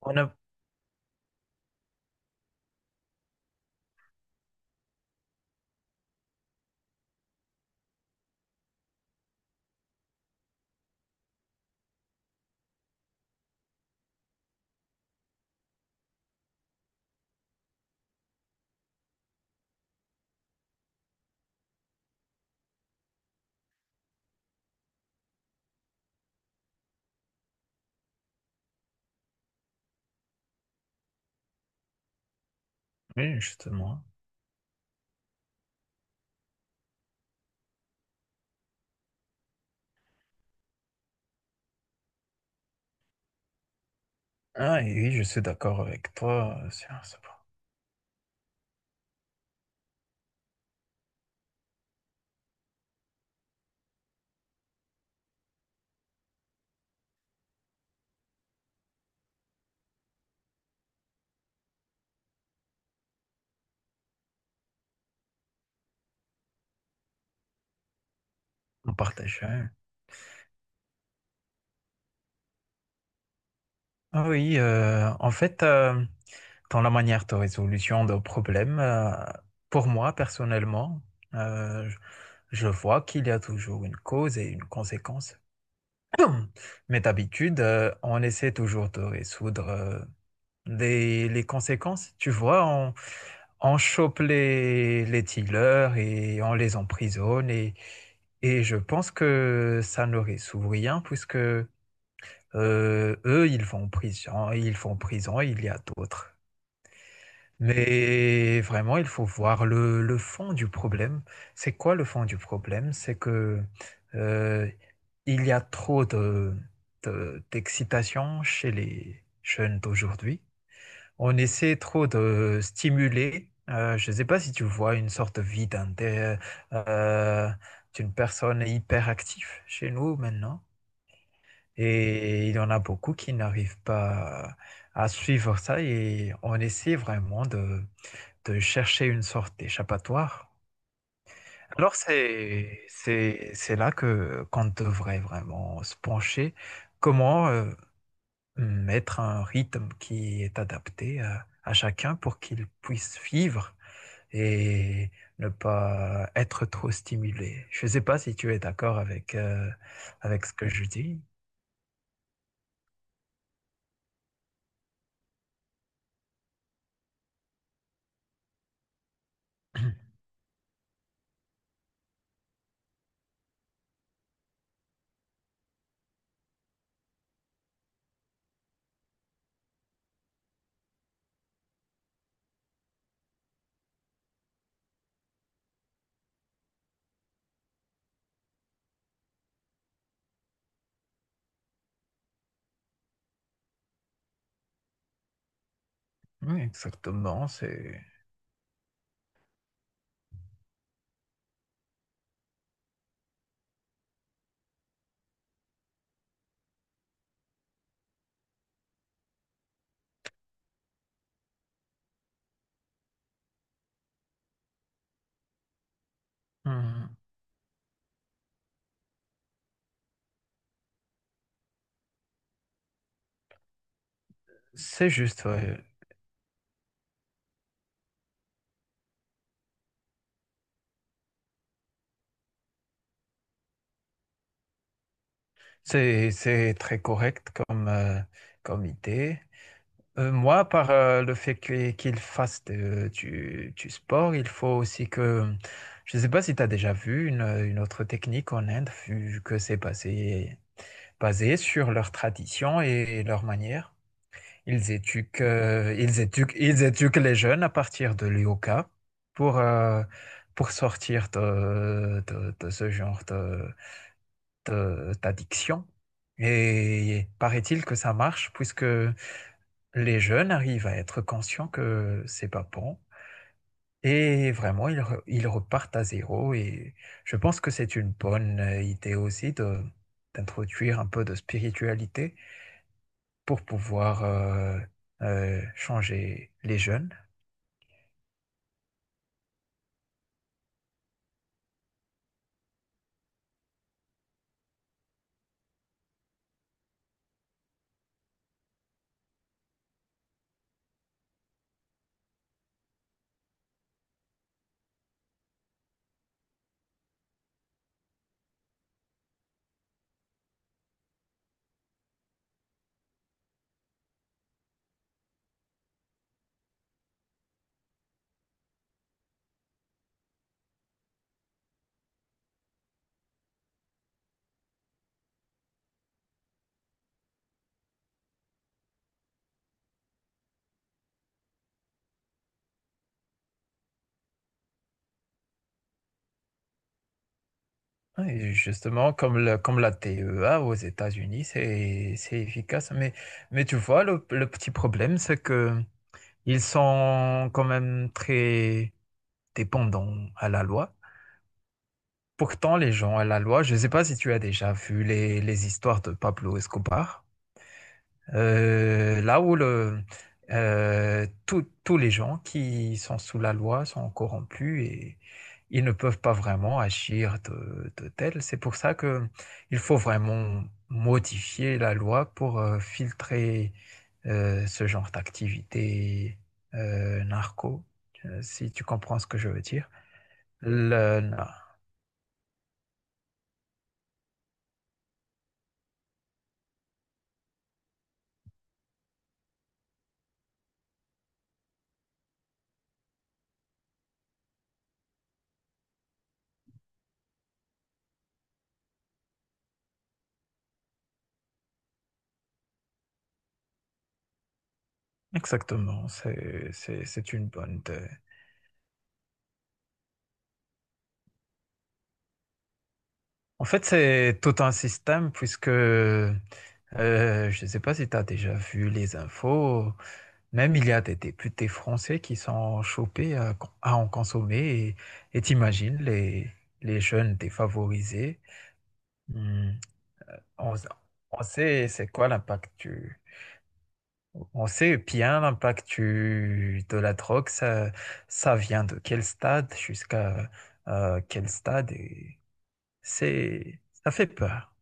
On a... Oui, justement. Ah, et oui, je suis d'accord avec toi. Sur ce point. On partage, hein. Ah oui, euh, en fait, euh, Dans la manière de résolution de problèmes, pour moi, personnellement, euh, je je vois qu'il y a toujours une cause et une conséquence. Mais d'habitude, on essaie toujours de résoudre les conséquences, tu vois, on chope les dealers et on les emprisonne. Et je pense que ça ne résout rien puisque eux, ils vont en prison, ils vont en prison, il y a d'autres. Mais vraiment, il faut voir le fond du problème. C'est quoi le fond du problème? C'est que euh, il y a trop d'excitation chez les jeunes d'aujourd'hui. On essaie trop de stimuler, je ne sais pas si tu vois une sorte de vie euh, d'une personne hyperactive chez nous maintenant. Et il y en a beaucoup qui n'arrivent pas à suivre ça et on essaie vraiment de chercher une sorte d'échappatoire. Alors c'est là que qu'on devrait vraiment se pencher. Comment, mettre un rythme qui est adapté à chacun pour qu'il puisse vivre et ne pas être trop stimulé. Je ne sais pas si tu es d'accord avec, avec ce que je dis. Oui, exactement, c'est. Mhm. C'est juste, ouais. C'est très correct comme, comme idée. Moi, par le fait que- qu'il fasse de- du sport, il faut aussi que... Je ne sais pas si tu as déjà vu une autre technique en Inde, vu que c'est basé, basé sur leurs traditions et leurs manières. Ils éduquent, ils éduquent les jeunes à partir de yoga pour, euh, pour sortir de ce genre d'addiction. Et paraît-il que ça marche, puisque les jeunes arrivent à être conscients que c'est pas bon et vraiment ils repartent à zéro et je pense que c'est une bonne idée aussi de d'introduire un peu de spiritualité pour pouvoir changer les jeunes. Ouais, et justement, comme la TEA aux États-Unis, c'est efficace. Mais tu vois, le petit problème, c'est que ils sont quand même très, dépendant à la loi. Pourtant, les gens à la loi, je ne sais pas si tu as déjà vu les histoires de Pablo Escobar, là où le, tous tous les gens qui sont sous la loi sont corrompus et ils ne peuvent pas vraiment agir de tel. C'est pour ça que il faut vraiment modifier la loi pour filtrer ce genre d'activité narco, si tu comprends ce que je veux dire. Le- exactement, c'est une bonne idée. En fait, c'est tout un système puisque je ne sais pas si tu as déjà vu les infos, même il y a des députés français qui sont chopés à en consommer et t'imagines les jeunes défavorisés. Hmm. On, on sait c'est quoi l'impact du... On sait bien l'impact du- de la drogue, ça vient de quel stade jusqu'à quel stade et c'est, ça fait peur,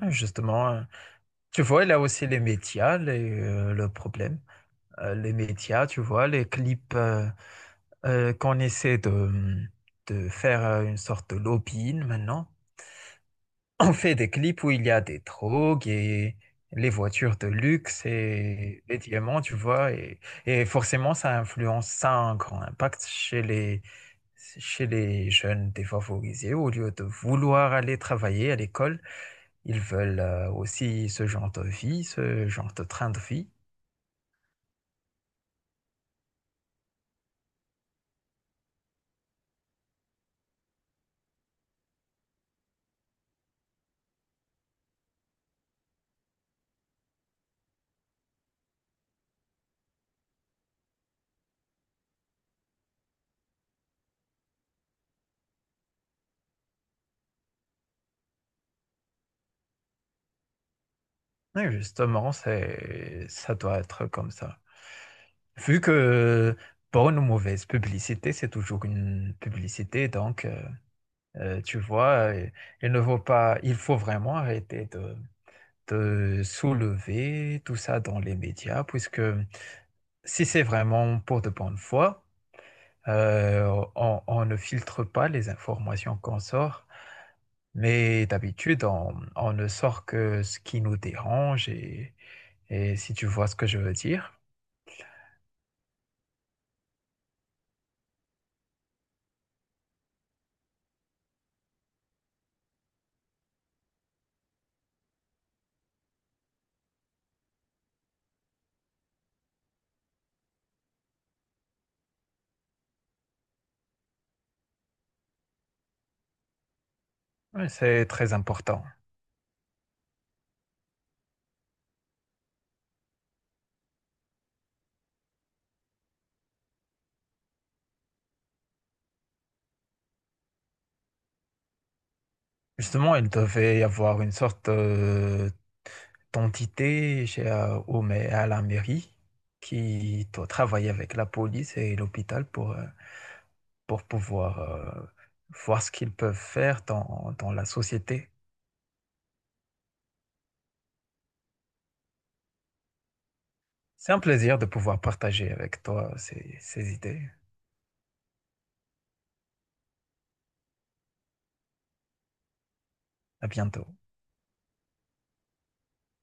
hein, justement, hein. Tu vois, là aussi, les médias, le problème. Les médias, tu vois, les clips qu'on essaie de faire une sorte de lobbying maintenant. On fait des clips où il y a des drogues et les voitures de luxe et les diamants, tu vois. Et forcément, ça influence, ça a un grand impact chez chez les jeunes défavorisés. Au lieu de vouloir aller travailler à l'école, ils veulent aussi ce genre de vie, ce genre de train de vie. Et justement, ça doit être comme ça. Vu que bonne ou mauvaise publicité, c'est toujours une publicité, donc tu vois, il ne faut pas, il faut vraiment arrêter de soulever tout ça dans les médias, puisque si c'est vraiment pour de bonne foi, on ne filtre pas les informations qu'on sort. Mais d'habitude, on ne sort que ce qui nous dérange et si tu vois ce que je veux dire. Oui, c'est très important. Justement, il devait y avoir une sorte d'entité chez, à la mairie qui doit travailler avec la police et l'hôpital pour pouvoir voir ce qu'ils peuvent faire dans, dans la société. C'est un plaisir de pouvoir partager avec toi ces idées. À bientôt.